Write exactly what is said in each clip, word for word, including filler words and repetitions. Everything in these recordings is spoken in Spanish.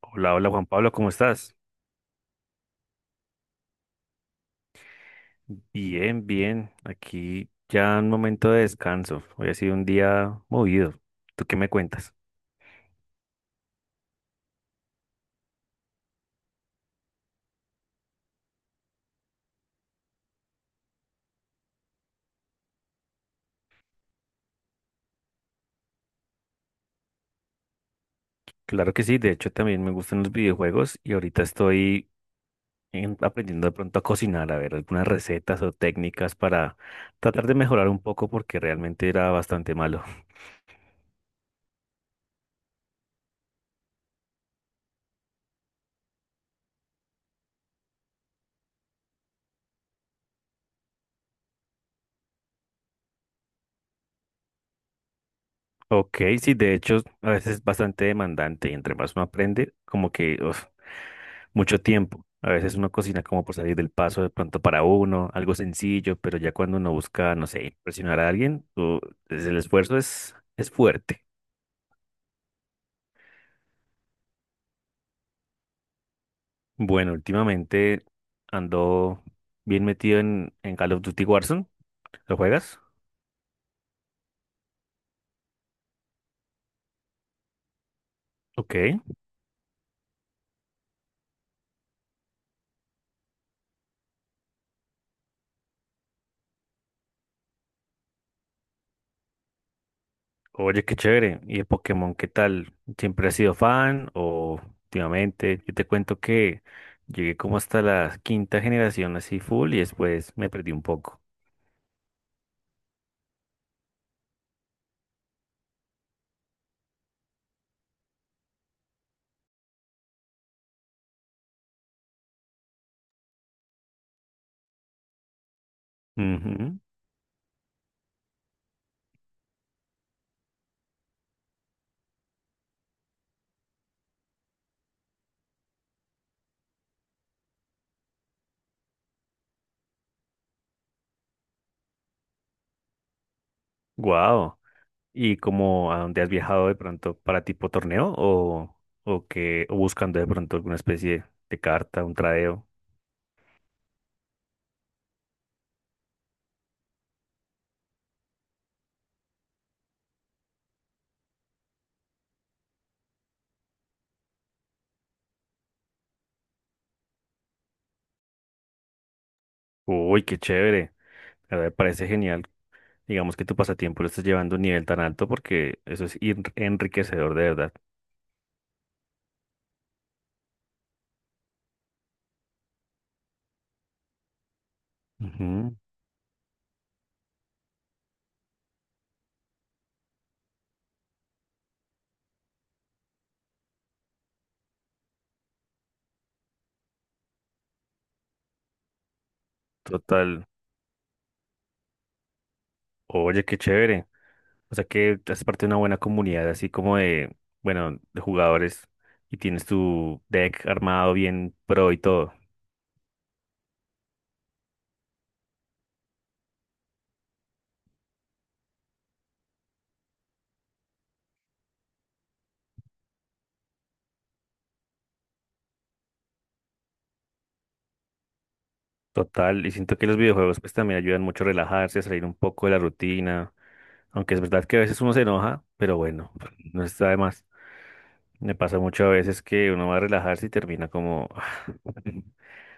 Hola, hola Juan Pablo, ¿cómo estás? Bien, bien. Aquí ya un momento de descanso. Hoy ha sido un día movido. ¿Tú qué me cuentas? Claro que sí, de hecho también me gustan los videojuegos y ahorita estoy en- aprendiendo de pronto a cocinar, a ver algunas recetas o técnicas para tratar de mejorar un poco porque realmente era bastante malo. Ok, sí, de hecho, a veces es bastante demandante y entre más uno aprende, como que uf, mucho tiempo. A veces uno cocina como por salir del paso de pronto para uno, algo sencillo, pero ya cuando uno busca, no sé, impresionar a alguien, o- es- el esfuerzo es, es fuerte. Bueno, últimamente ando bien metido en, en Call of Duty Warzone. ¿Lo juegas? Ok. Oye, qué chévere. ¿Y el Pokémon qué tal? ¿Siempre has sido fan o últimamente? Yo te cuento que llegué como hasta la quinta generación así full y después me perdí un poco. Wow. ¿Y como a dónde has viajado de pronto para tipo torneo o, o que o buscando de pronto alguna especie de carta, un tradeo? Uy, qué chévere. La verdad me parece genial. Digamos que tu pasatiempo lo estás llevando a un nivel tan alto porque eso es ir- enriquecedor de verdad. Ujú. Total. Oye, qué chévere. O sea que haces parte de una buena comunidad, así como de, bueno, de jugadores y tienes tu deck armado bien pro y todo. Total, y siento que los videojuegos pues también ayudan mucho a relajarse, a salir un poco de la rutina, aunque es verdad que a veces uno se enoja, pero bueno, no está de más. Me pasa mucho a veces que uno va a relajarse y termina como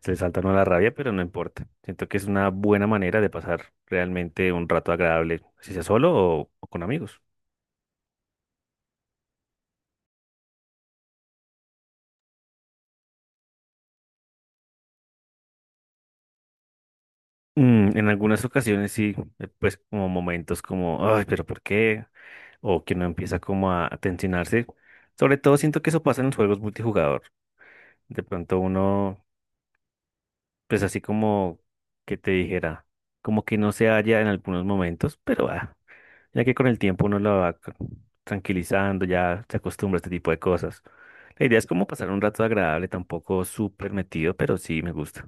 se le salta a uno la rabia, pero no importa. Siento que es una buena manera de pasar realmente un rato agradable, si sea solo o o con amigos. Mm, en algunas ocasiones sí, eh, pues como momentos como, ay, pero ¿por qué? O que uno empieza como a a tensionarse. Sobre todo siento que eso pasa en los juegos multijugador. De pronto uno, pues así como que te dijera, como que no se halla en algunos momentos, pero ah, ya que con el tiempo uno lo va ca- tranquilizando, ya se acostumbra a este tipo de cosas. La idea es como pasar un rato agradable, tampoco súper metido, pero sí me gusta.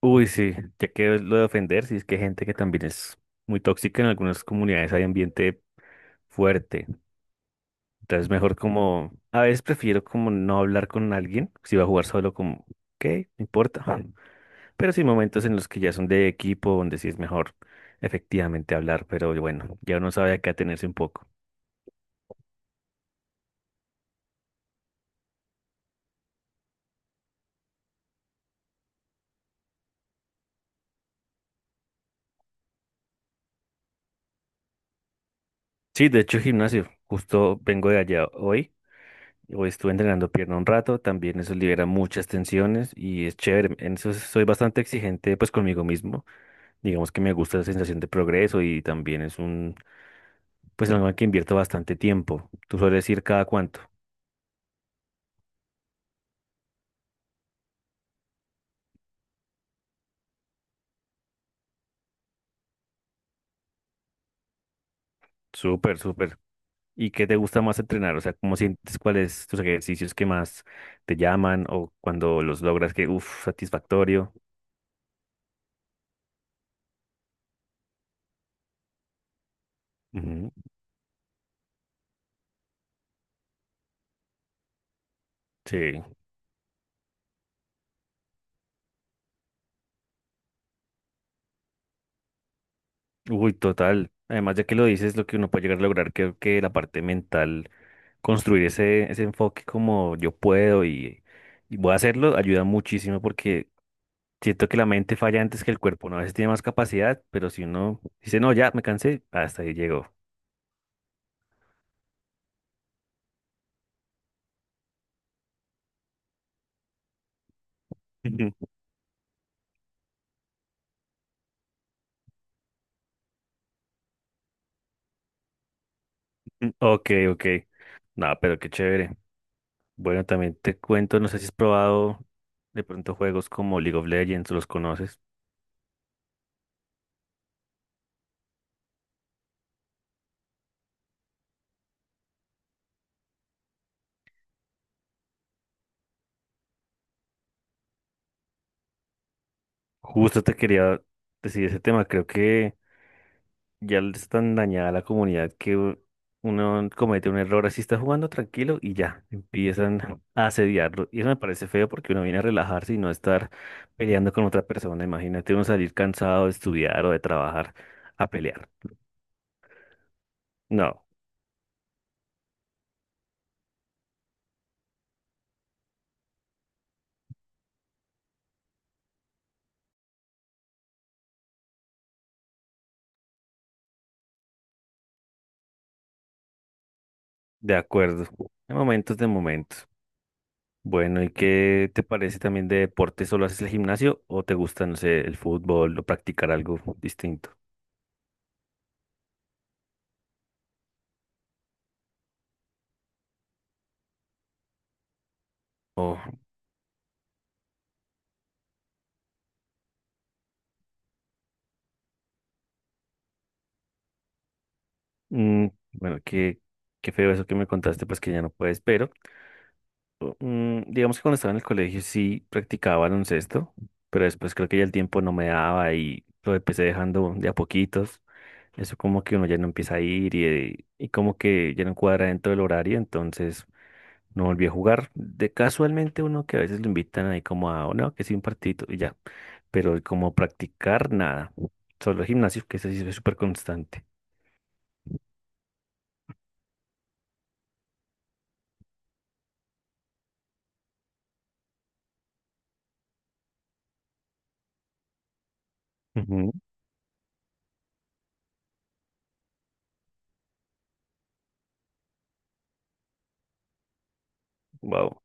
Uy, sí, ya que lo de ofender, sí es que hay gente que también es muy tóxica en algunas comunidades, hay ambiente fuerte. Entonces, mejor como, a veces prefiero como no hablar con alguien, si va a jugar solo como, ok, no importa. Ujú. Pero sí hay momentos en los que ya son de equipo, donde sí es mejor efectivamente hablar, pero bueno, ya uno sabe a qué atenerse un poco. Sí, de hecho, gimnasio, justo vengo de allá hoy. O estuve entrenando pierna un rato, también eso libera muchas tensiones y es chévere. En eso soy bastante exigente pues conmigo mismo. Digamos que me gusta la sensación de progreso y también es un, pues algo en que invierto bastante tiempo. ¿Tú sueles ir cada cuánto? Súper, súper. ¿Y qué te gusta más entrenar? O sea, ¿cómo sientes cuáles tus ejercicios que más te llaman o cuando los logras que, uff, satisfactorio? Ujú. Sí, uy, total. Además, ya que lo dices, lo que uno puede llegar a lograr, creo que la parte mental construir ese, ese enfoque como yo puedo y, y voy a hacerlo, ayuda muchísimo porque siento que la mente falla antes que el cuerpo, ¿no? A veces tiene más capacidad, pero si uno dice, no, ya me cansé, hasta ahí llegó. Ok, ok. No, pero qué chévere. Bueno, también te cuento, no sé si has probado de pronto juegos como League of Legends, ¿los conoces? Justo te quería decir ese tema, creo que… Ya es tan dañada la comunidad que u- uno comete un error así, está jugando tranquilo y ya empiezan a asediarlo. Y eso me parece feo porque uno viene a relajarse y no estar peleando con otra persona. Imagínate uno salir cansado de estudiar o de trabajar a pelear. No, de acuerdo. De momentos, de momentos. Bueno, ¿y qué te parece también de deporte? ¿Solo haces el gimnasio o te gusta, no sé, el fútbol o practicar algo distinto? O, mm, bueno, qué, qué feo eso que me contaste, pues que ya no puedes, pero. Mm, digamos que cuando estaba en el colegio sí practicaba baloncesto, pero después creo que ya el tiempo no me daba y lo empecé dejando de a poquitos. Eso como que uno ya no empieza a ir y, eh, y como que ya no cuadra dentro del horario, entonces no volví a jugar. De casualmente uno que a veces lo invitan ahí como a, "Oh, no, que sí un partidito y ya, pero como practicar nada, solo gimnasio, que ese sí es súper constante. Wow.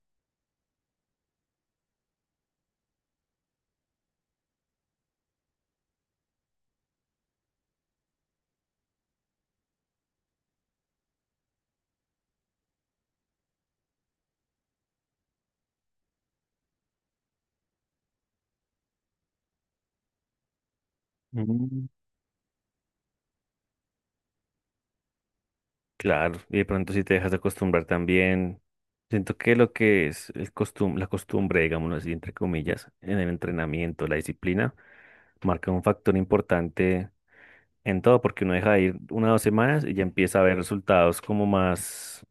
Claro, y de pronto si te dejas de acostumbrar también, siento que lo que es el costum la costumbre, digámoslo así, entre comillas, en el entrenamiento, la disciplina, marca un factor importante en todo, porque uno deja de ir una o dos semanas y ya empieza a ver resultados como más,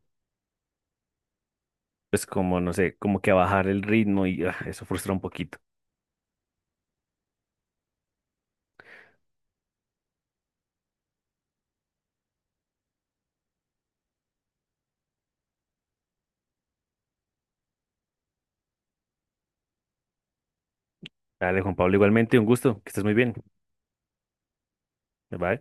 pues como, no sé, como que a bajar el ritmo y ah, eso frustra un poquito. Dale, Juan Pablo, igualmente, un gusto, que estés muy bien. Bye.